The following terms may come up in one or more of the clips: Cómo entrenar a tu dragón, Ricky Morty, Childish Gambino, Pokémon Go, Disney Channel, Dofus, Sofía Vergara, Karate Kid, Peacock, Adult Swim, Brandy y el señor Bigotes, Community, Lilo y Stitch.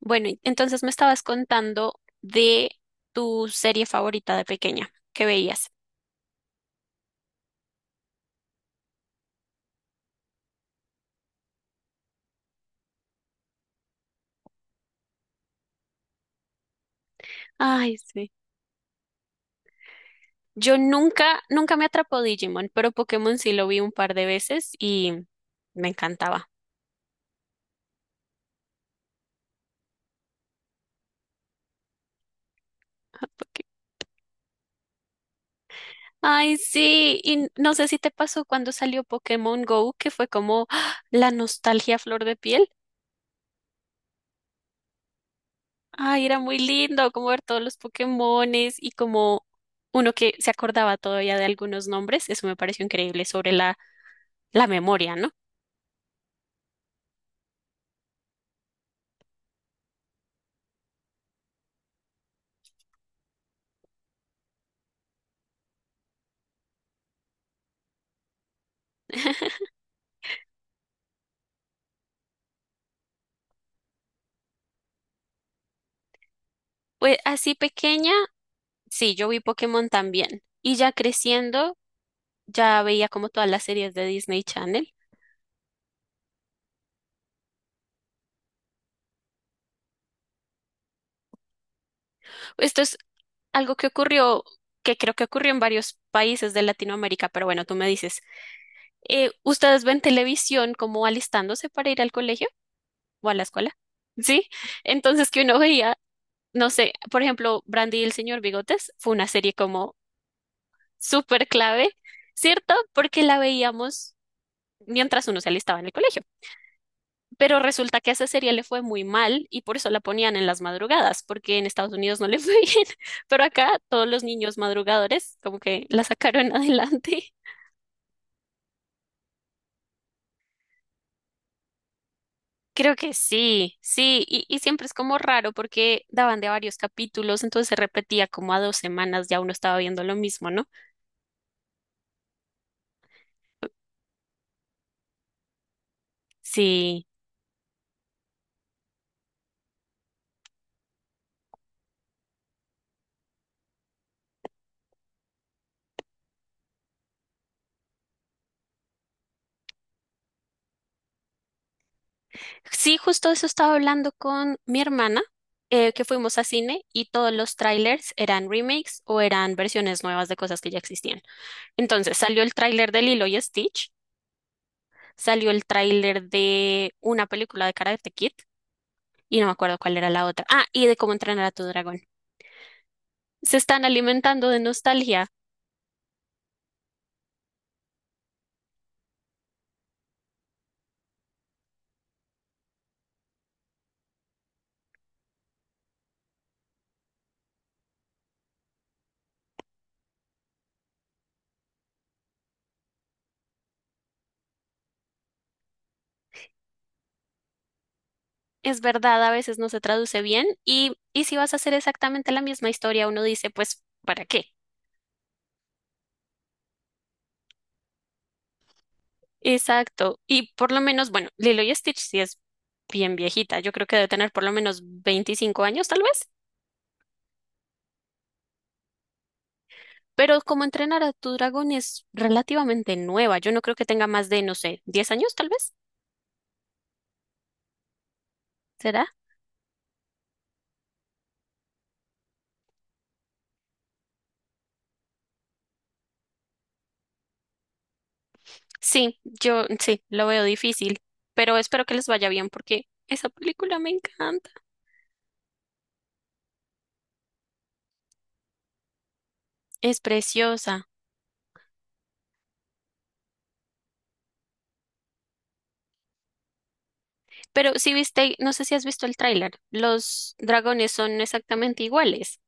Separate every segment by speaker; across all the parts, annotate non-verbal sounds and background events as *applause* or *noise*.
Speaker 1: Bueno, y entonces me estabas contando de tu serie favorita de pequeña que veías. Ay, sí. Yo nunca, nunca me atrapó Digimon, pero Pokémon sí lo vi un par de veces y me encantaba. *laughs* Porque- Ay, sí, y no sé si te pasó cuando salió Pokémon Go, que fue como ¡ah, la nostalgia a flor de piel! Ay, era muy lindo como ver todos los Pokémones y como uno que se acordaba todavía de algunos nombres. Eso me pareció increíble sobre la memoria, ¿no? Pues así pequeña, sí, yo vi Pokémon también. Y ya creciendo, ya veía como todas las series de Disney Channel. Esto es algo que ocurrió, que creo que ocurrió en varios países de Latinoamérica, pero bueno, tú me dices, ¿ustedes ven televisión como alistándose para ir al colegio o a la escuela? Sí, entonces que uno veía, no sé, por ejemplo, Brandy y el señor Bigotes fue una serie como súper clave, ¿cierto? Porque la veíamos mientras uno se alistaba en el colegio. Pero resulta que a esa serie le fue muy mal y por eso la ponían en las madrugadas, porque en Estados Unidos no le fue *laughs* bien, pero acá todos los niños madrugadores como que la sacaron *laughs* adelante. Creo que sí, sí, y siempre es como raro porque daban de varios capítulos, entonces se repetía como a dos semanas, ya uno estaba viendo lo mismo, ¿no? Sí. Sí, justo eso estaba hablando con mi hermana, que fuimos a cine y todos los trailers eran remakes o eran versiones nuevas de cosas que ya existían. Entonces salió el tráiler de Lilo y Stitch, salió el tráiler de una película de Karate Kid y no me acuerdo cuál era la otra. Ah, y de cómo entrenar a tu dragón. Se están alimentando de nostalgia. Es verdad, a veces no se traduce bien y si vas a hacer exactamente la misma historia, uno dice, pues, ¿para qué? Exacto. Y por lo menos, bueno, Lilo y Stitch sí es bien viejita. Yo creo que debe tener por lo menos 25 años, tal vez. Pero como entrenar a tu dragón es relativamente nueva. Yo no creo que tenga más de, no sé, 10 años, tal vez. ¿Será? Sí, yo sí, lo veo difícil. Pero espero que les vaya bien porque esa película me encanta. Es preciosa. Pero si viste, no sé si has visto el tráiler. Los dragones son exactamente iguales.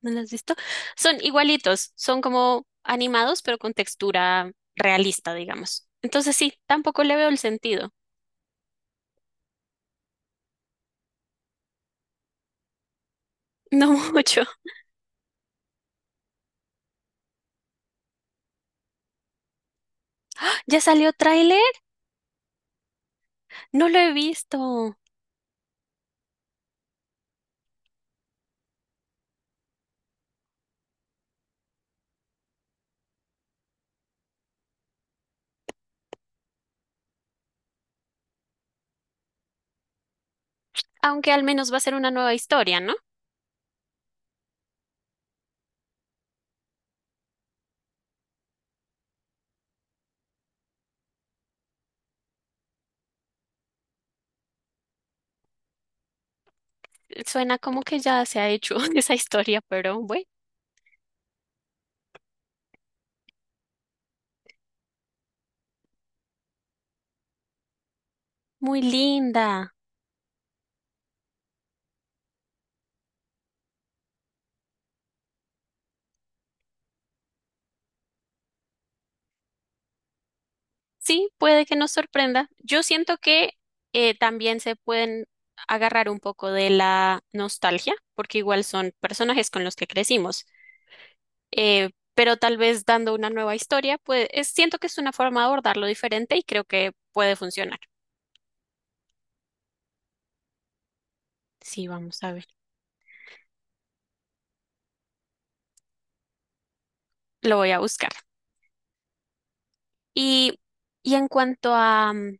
Speaker 1: ¿No las has visto? Son igualitos, son como animados, pero con textura realista, digamos. Entonces sí, tampoco le veo el sentido. No mucho. *laughs* ¿Ya salió tráiler? No lo he visto. Aunque al menos va a ser una nueva historia, ¿no? Suena como que ya se ha hecho *laughs* esa historia, pero bueno, muy linda. Sí, puede que nos sorprenda. Yo siento que también se pueden agarrar un poco de la nostalgia, porque igual son personajes con los que crecimos. eh, pero tal vez dando una nueva historia, pues siento que es una forma de abordarlo diferente y creo que puede funcionar. Sí, vamos a ver, lo voy a buscar. Y, y en cuanto a,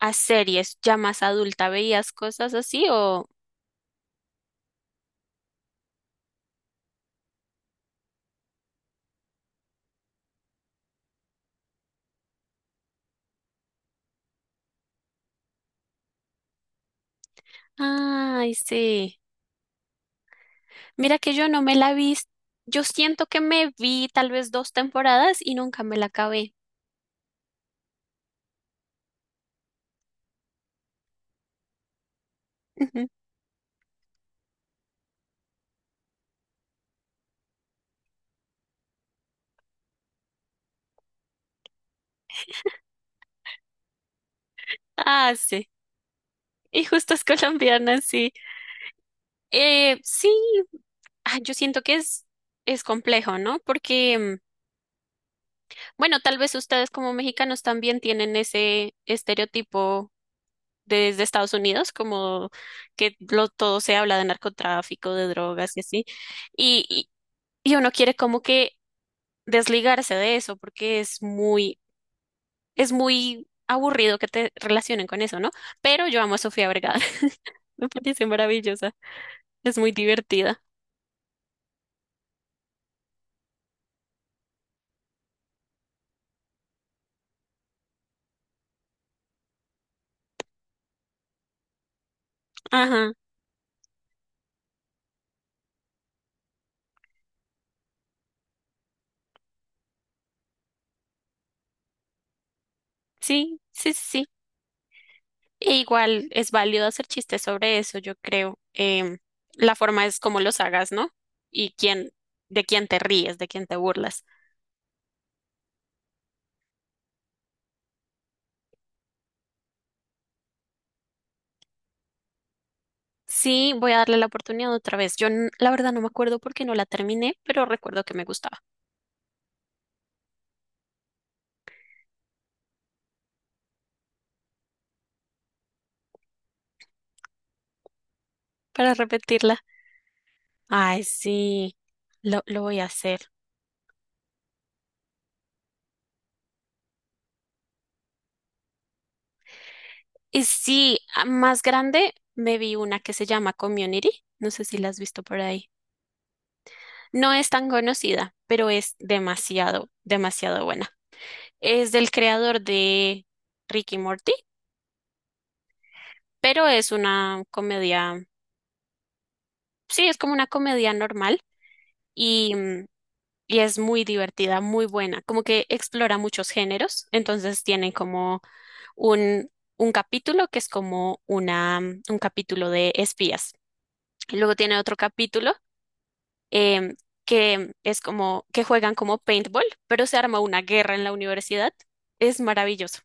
Speaker 1: a series ya más adulta, ¿veías cosas así o...? Ay, sí. Mira que yo no me la vi. Yo siento que me vi tal vez 2 temporadas y nunca me la acabé. *laughs* Ujú. Ah, sí. Y justo es *laughs* colombiana, sí. Sí, ah, yo siento que es complejo, ¿no? Porque, bueno, tal vez ustedes como mexicanos también tienen ese estereotipo desde Estados Unidos, como que lo, todo se habla de narcotráfico, de drogas y así. Y, y, y uno quiere como que desligarse de eso porque es muy aburrido que te relacionen con eso, ¿no? Pero yo amo a Sofía Vergara, *laughs* me parece maravillosa, es muy divertida. Ajá, sí, sí, sí. Sí. E igual es válido hacer chistes sobre eso, yo creo. La forma es como los hagas, ¿no? Y quién, de quién te ríes, de quién te burlas. Sí, voy a darle la oportunidad otra vez. La verdad no me acuerdo por qué no la terminé, pero recuerdo que me gustaba para repetirla. Ay, sí, lo voy a hacer. Y sí, más grande me vi una que se llama Community. No sé si la has visto por ahí. No es tan conocida, pero es demasiado, demasiado buena. Es del creador de Ricky Morty, pero es una comedia, sí, es como una comedia normal y, y es muy divertida, muy buena, como que explora muchos géneros, entonces tienen como un, un capítulo que es como un capítulo de espías. Y luego tiene otro capítulo em, que es como que juegan como paintball, pero se arma una guerra en la universidad. Es maravilloso.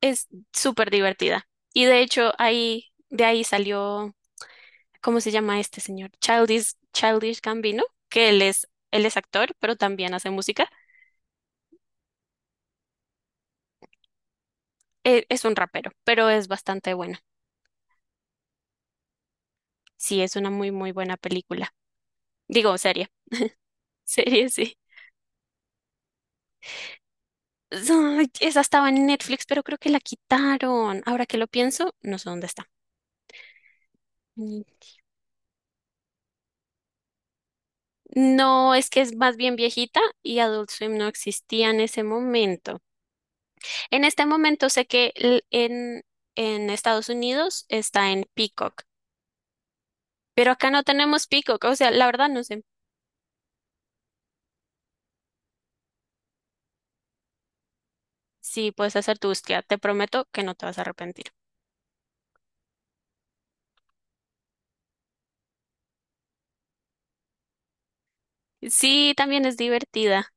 Speaker 1: Es súper divertida. Y de hecho, de ahí salió, ¿cómo se llama este señor? Childish, Childish Gambino, que él es actor, pero también hace música. Es un rapero, pero es bastante bueno. Sí, es una muy, muy buena película. Digo, serie. *laughs* Serie, sí. Ay, esa estaba en Netflix, pero creo que la quitaron. Ahora que lo pienso, no sé dónde está. Mm. No, es que es más bien viejita y Adult Swim no existía en ese momento. En este momento sé que en Estados Unidos está en Peacock, pero acá no tenemos Peacock. O sea, la verdad no sé si puedes hacer tu búsqueda. Te prometo que no te vas a arrepentir. Sí, también es divertida.